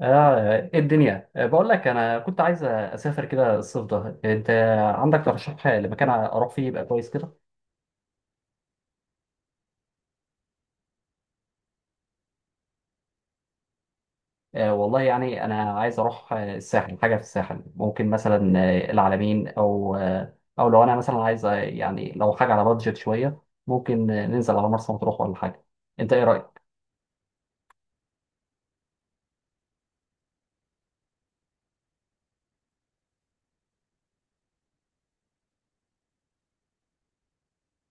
اه إيه الدنيا، بقول لك انا كنت عايز اسافر كده الصيف ده. انت عندك ترشيح لمكان اروح فيه يبقى كويس كده؟ والله يعني انا عايز اروح، الساحل، حاجه في الساحل ممكن مثلا العلمين، او لو انا مثلا عايز، يعني لو حاجه على بادجت شويه ممكن ننزل على مرسى مطروح ولا حاجه. انت ايه رايك؟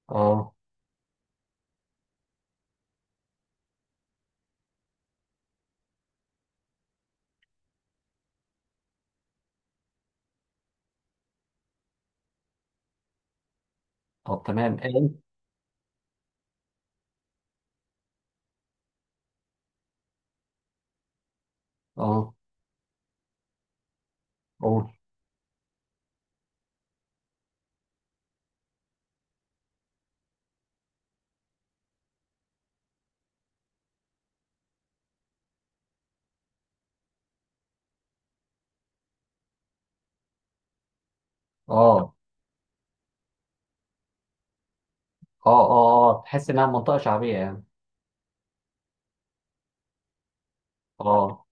اه، طب تمام. اه، اه، قول. اه، اه، اه، اه، تحس انها منطقه شعبيه يعني. اه،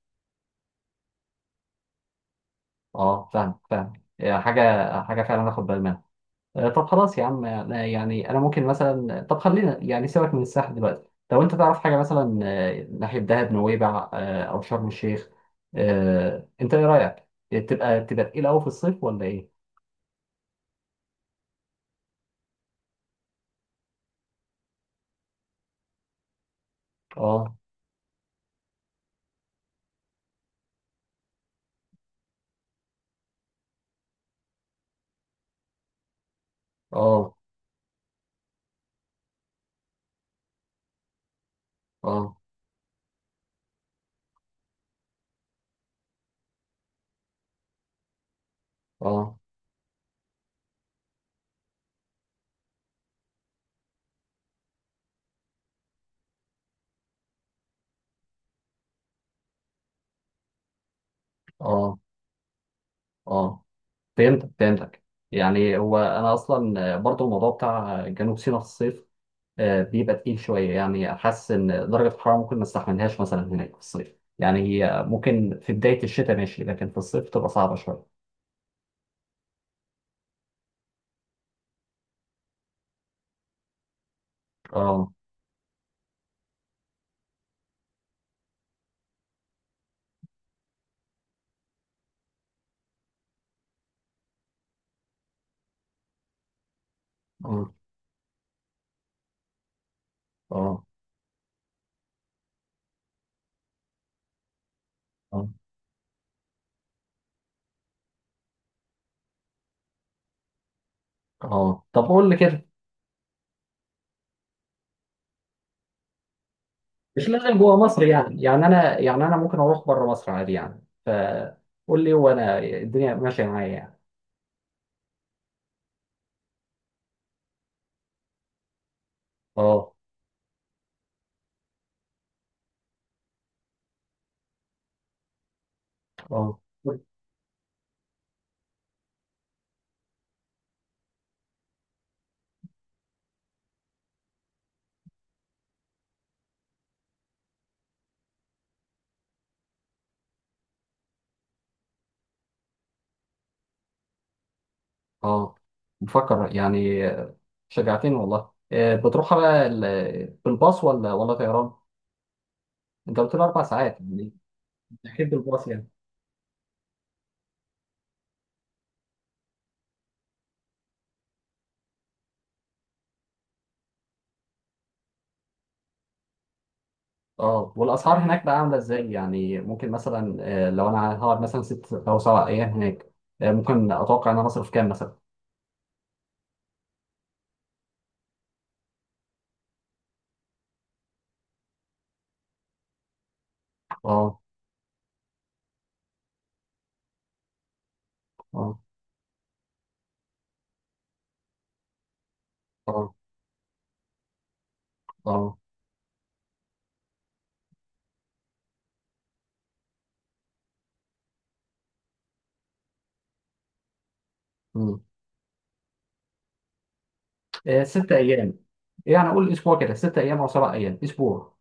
اه، فاهم فاهم. حاجه، حاجه فعلا اخد بالي منها. طب خلاص يا عم، يعني انا ممكن مثلا، طب خلينا يعني سيبك من الساحل دلوقتي. لو انت تعرف حاجه مثلا ناحيه دهب، نويبع، او شرم الشيخ، انت ايه رايك؟ تبقى تقيل قوي في الصيف ولا ايه؟ اه، اه، اه، اه، اه، اه، فهمتك فهمتك. يعني هو انا اصلا برضو الموضوع بتاع جنوب سيناء في الصيف بيبقى تقيل شويه. يعني حاسس ان درجه الحراره ممكن ما استحملهاش مثلا هناك في الصيف. يعني هي ممكن في بدايه الشتاء ماشي، لكن في الصيف تبقى صعبه شويه. اه، اه، اه، اه، اه، طب قول لي كده. مش لازم جوه مصر، يعني يعني انا ممكن اروح بره مصر عادي، يعني فقول لي وانا الدنيا ماشيه معايا يعني. اه، اه، اه، بفكر يعني. شجعتني والله. بتروح بقى بالباص ولا طيران؟ انت قلت لي اربع ساعات يعني؟ اكيد بالباص يعني. اه، والاسعار هناك بقى عامله ازاي؟ يعني ممكن مثلا لو انا هقعد مثلا ست او سبع ايام هناك، ممكن اتوقع ان انا اصرف كام مثلا؟ اه، اه، اه، اه، مم. ست ايام. يعني اقول اسبوع كده، ست ايام او سبع ايام، اسبوع.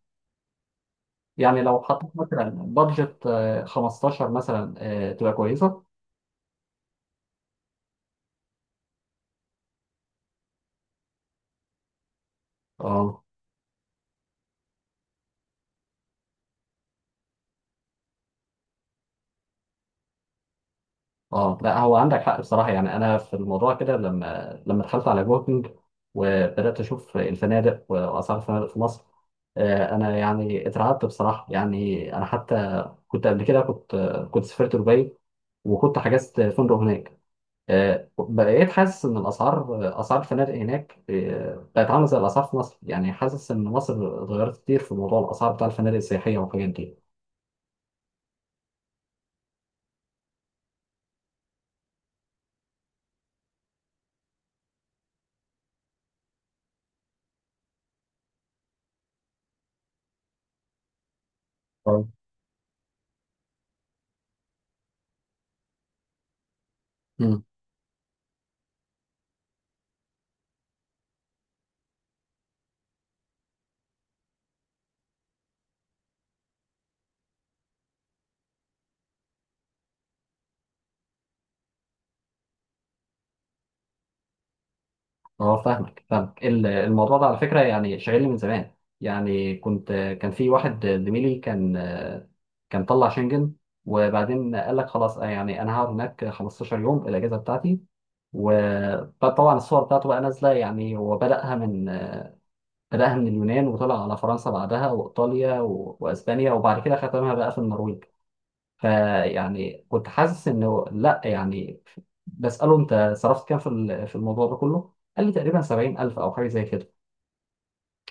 يعني لو حطيت مثلا بادجت 15 مثلا، تبقى كويسه؟ اه، اه، لا هو عندك حق بصراحه. يعني انا في الموضوع كده، لما دخلت على جوكينج وبدات اشوف الفنادق واسعار الفنادق في مصر، انا يعني اترعبت بصراحه. يعني انا حتى كنت قبل كده كنت كنت سافرت دبي وكنت حجزت فندق هناك. بقيت حاسس ان الاسعار، اسعار الفنادق هناك بقت عامله زي الاسعار في مصر. يعني حاسس ان مصر اتغيرت كتير في موضوع الاسعار بتاع الفنادق السياحيه والحاجات دي. آه. اه، فاهمك فاهمك. الموضوع ده على فكرة يعني شاغلني من زمان. يعني كنت، كان في واحد زميلي، كان طلع شنجن، وبعدين قال لك خلاص، يعني انا هقعد هناك 15 يوم الاجازة بتاعتي. وطبعا الصور بتاعته بقى نازلة، يعني هو بدأها من اليونان وطلع على فرنسا بعدها وإيطاليا وأسبانيا، وبعد كده ختمها بقى في النرويج. فيعني كنت حاسس انه لا يعني. بساله انت صرفت كام في في الموضوع ده كله؟ قال لي تقريبا 70,000 او حاجه زي كده.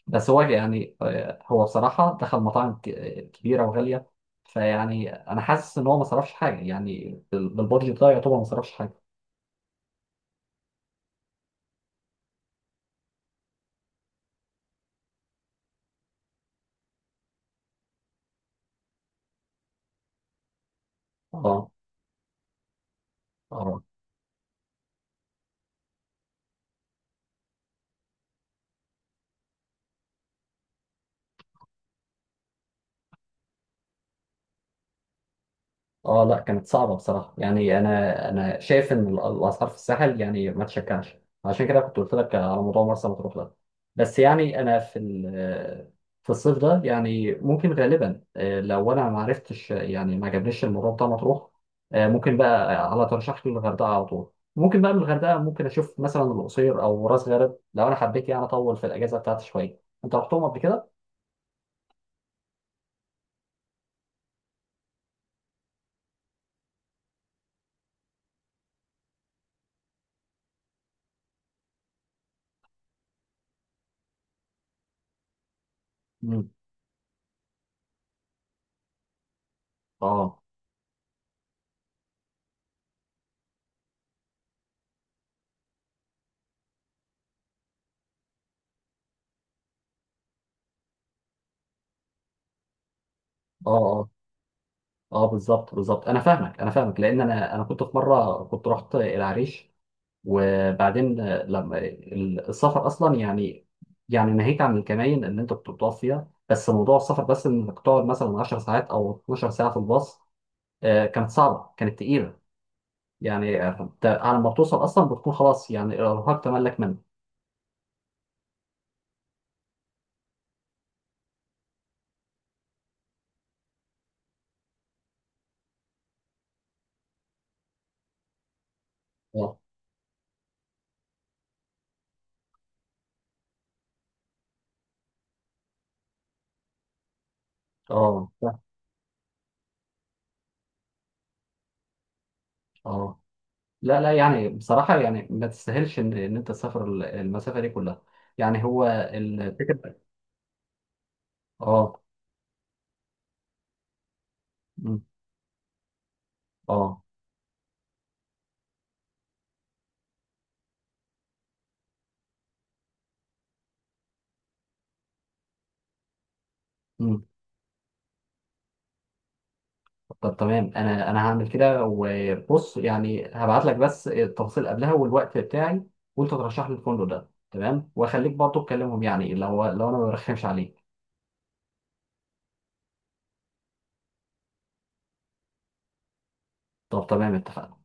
بس هو يعني هو بصراحه دخل مطاعم كبيره وغاليه. فيعني انا حاسس ان هو ما صرفش حاجه، يعني بالبادجت ده يعتبر ما صرفش حاجه. اه، اه، اه، لا كانت صعبة بصراحة. يعني انا شايف ان الاسعار في الساحل يعني ما تشجعش. عشان كده كنت قلت لك على موضوع مرسى مطروح ده. بس يعني انا في في الصيف ده يعني ممكن غالبا، لو انا ما عرفتش، يعني ما عجبنيش الموضوع بتاع مطروح، ممكن بقى على ترشح لي الغردقة على طول. ممكن بقى من الغردقة ممكن اشوف مثلا القصير او راس غارب لو انا حبيت يعني اطول في الاجازة بتاعتي شوية. انت رحتهم قبل كده؟ مم. اه، اه، اه، بالظبط بالظبط، انا فاهمك انا فاهمك. لان انا كنت في مره كنت رحت العريش، وبعدين لما، السفر اصلا يعني، يعني ناهيك عن الكماين اللي انت كنت بتقف فيها، بس موضوع السفر، بس انك تقعد مثلا 10 ساعات او 12 ساعه في الباص، كانت صعبه كانت تقيله. يعني انت على ما بتوصل اصلا بتكون خلاص، يعني الارهاق تملك منك. اه، اه، فاهم. اه، لا لا يعني بصراحه، يعني ما تستاهلش ان انت تسافر المسافه دي كلها. يعني هو الفكره. اه، مم. اه، مم. طب تمام، انا هعمل كده. وبص، يعني هبعت لك بس التفاصيل قبلها والوقت بتاعي وانت ترشح لي الفندق ده. تمام؟ واخليك برضه تكلمهم يعني، لو انا ما برخمش عليك. طب تمام، اتفقنا.